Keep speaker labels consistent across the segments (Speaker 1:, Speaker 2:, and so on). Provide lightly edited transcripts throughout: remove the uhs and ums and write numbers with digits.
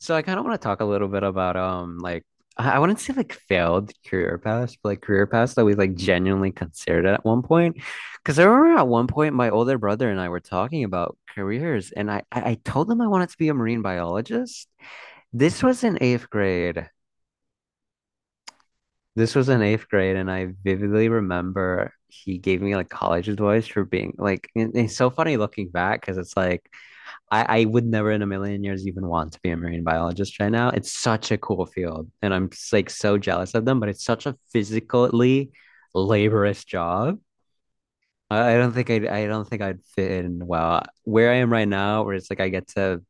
Speaker 1: So I kind of want to talk a little bit about like I wouldn't say like failed career paths, but like career paths that we like genuinely considered at one point. Because I remember at one point my older brother and I were talking about careers, and I told him I wanted to be a marine biologist. This was in eighth grade. This was in eighth grade, and I vividly remember he gave me like college advice for being like. And it's so funny looking back because it's like I would never in a million years even want to be a marine biologist right now. It's such a cool field, and I'm like so jealous of them. But it's such a physically laborious job. I don't think I'd fit in well where I am right now, where it's like I get to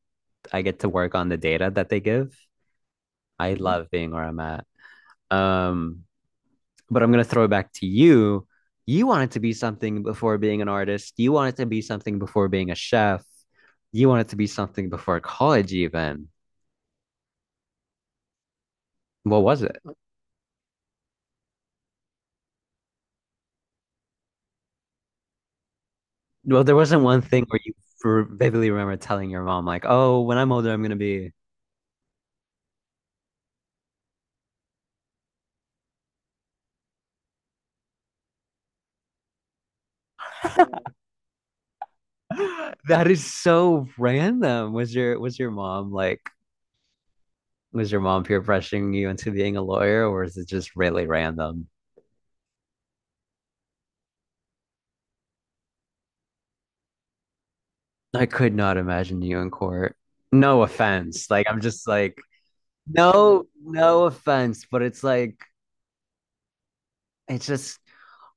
Speaker 1: I get to work on the data that they give. I, Mhm, love being where I'm at. Um, but I'm gonna throw it back to you. You wanted to be something before being an artist. You wanted to be something before being a chef. You wanted to be something before college, even. What was it? Well, there wasn't one thing where you for vividly remember telling your mom like, "Oh, when I'm older, I'm gonna be." That is so random. Was your mom like was your mom peer pressuring you into being a lawyer, or is it just really random? I could not imagine you in court. No offense. Like I'm just like no offense, but it's like it's just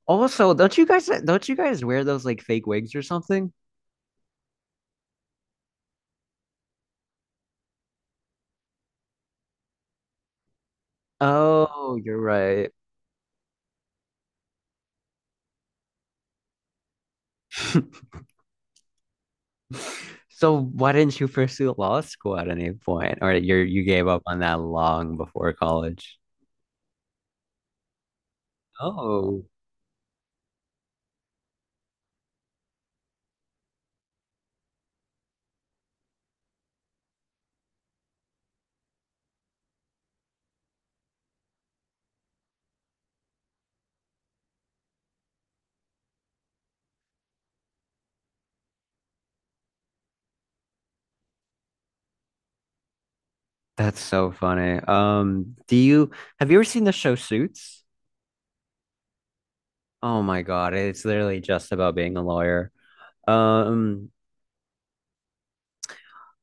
Speaker 1: also don't you guys wear those like fake wigs or something? Oh, you're right. So why didn't you pursue law school at any point? Or you gave up on that long before college? Oh, that's so funny. Do you Have you ever seen the show Suits? Oh my God, it's literally just about being a lawyer. Um,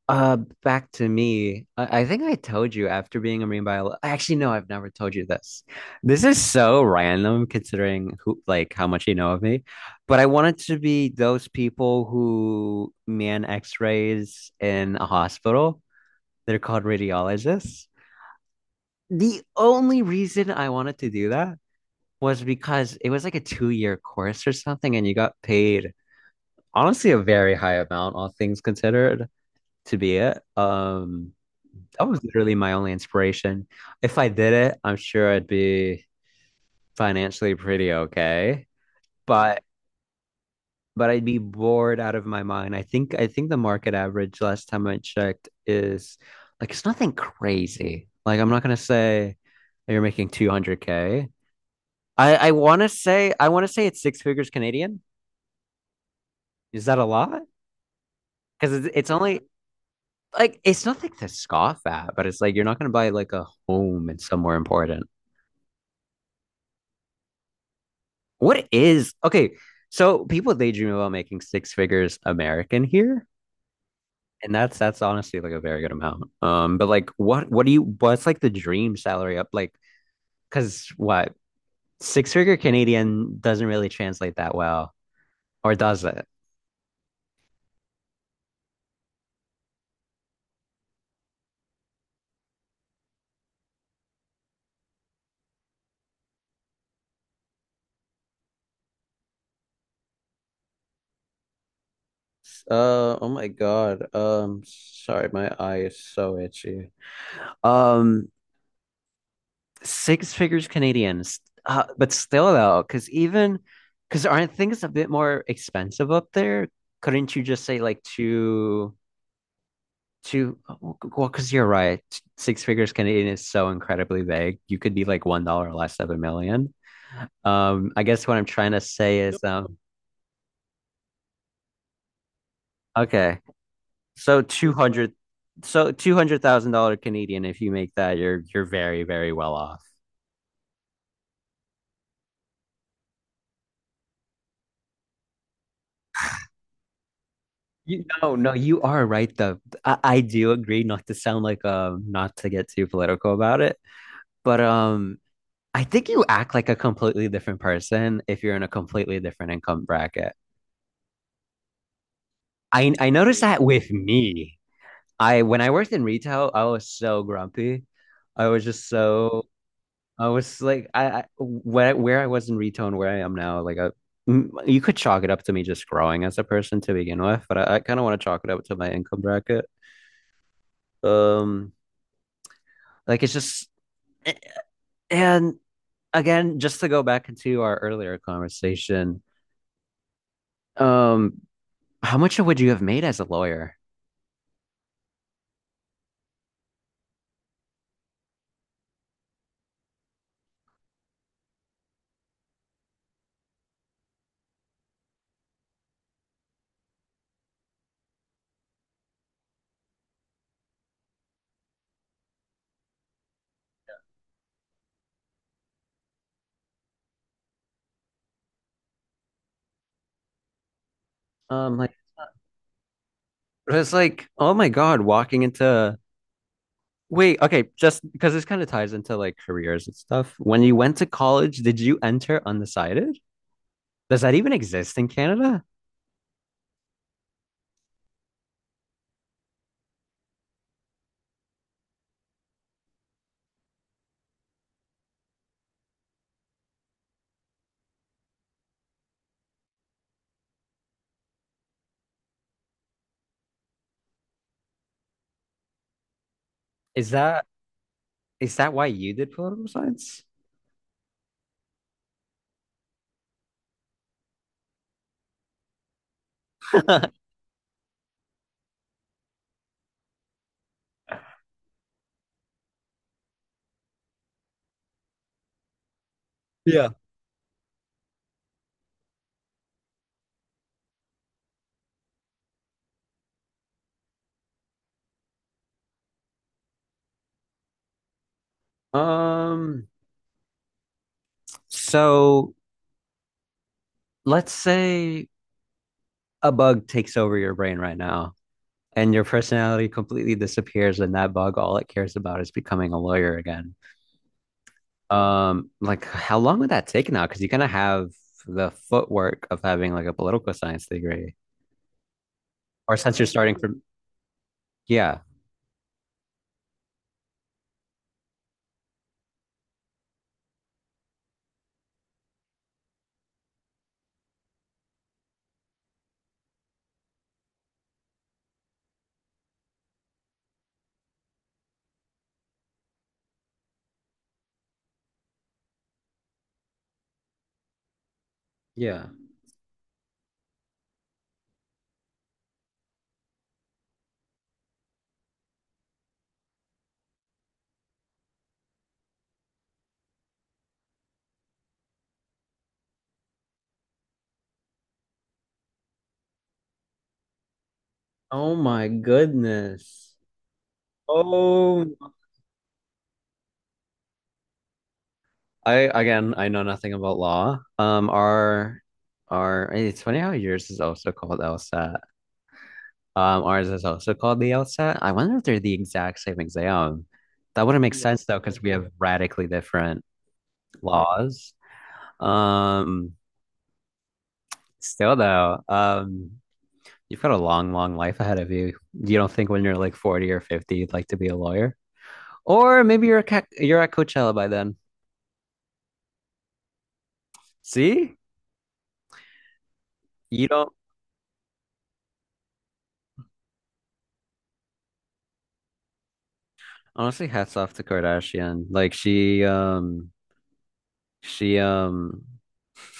Speaker 1: Uh, Back to me. I think I told you after being a marine biologist. Actually, no, I've never told you this. This is so random considering who, like, how much you know of me. But I wanted to be those people who man X-rays in a hospital. They're called radiologists. The only reason I wanted to do that was because it was like a 2-year course or something, and you got paid honestly a very high amount, all things considered, to be it. That was literally my only inspiration. If I did it, I'm sure I'd be financially pretty okay, but I'd be bored out of my mind. I think the market average last time I checked is like it's nothing crazy. Like I'm not gonna say that you're making 200K. I want to say I want to say it's six figures Canadian. Is that a lot? Because it's only like it's nothing to scoff at, but it's like you're not gonna buy like a home in somewhere important. What is okay? So people they dream about making six figures American here, and that's honestly like a very good amount. But like, what do you what's like the dream salary up like? Because what six figure Canadian doesn't really translate that well, or does it? Oh my God. Sorry, my eye is so itchy. Um, Six figures Canadians, but still though, because even because aren't things a bit more expensive up there? Couldn't you just say like two? Well, because you're right, six figures Canadian is so incredibly vague. You could be like $1 less of a million. I guess what I'm trying to say is, okay, so two hundred, so 200,000 dollar Canadian. If you make that, you're very very well off. No, no, you are right though. I do agree not to sound like not to get too political about it, but I think you act like a completely different person if you're in a completely different income bracket. I noticed that with me. I When I worked in retail, I was so grumpy. I was just so. I was like I where I was in retail and where I am now, like you could chalk it up to me just growing as a person to begin with, but I kind of want to chalk it up to my income bracket. Um Like it's just. And again, just to go back into our earlier conversation, um, how much would you have made as a lawyer? Like it was like, oh my god, walking into, wait, okay, just because this kind of ties into like careers and stuff. When you went to college, did you enter undecided? Does that even exist in Canada? Is that is that why you did political science? Yeah. Um, so let's say a bug takes over your brain right now and your personality completely disappears and that bug all it cares about is becoming a lawyer again, like how long would that take now, because you are gonna have the footwork of having like a political science degree, or since you're starting from. Yeah, yeah. Oh my goodness. Oh, I know nothing about law. Our It's funny how yours is also called LSAT. Ours is also called the LSAT. I wonder if they're the exact same exam. That wouldn't make, yeah, sense though, because we have radically different, yeah, laws. Um, Still though, you've got a long, long life ahead of you. You don't think when you're like 40 or 50 you'd like to be a lawyer? Or maybe you're a ca you're at Coachella by then. See? You don't Honestly, hats off to Kardashian. Like she, she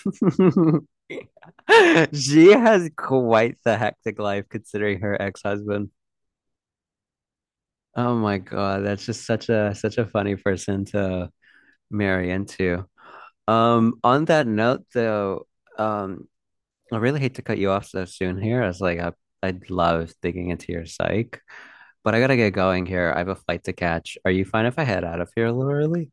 Speaker 1: she has quite the hectic life considering her ex-husband. Oh my God, that's just such a funny person to marry into. On that note though, um, I really hate to cut you off so soon here. I was like, I'd love digging into your psych, but I gotta get going here. I have a flight to catch. Are you fine if I head out of here a little early?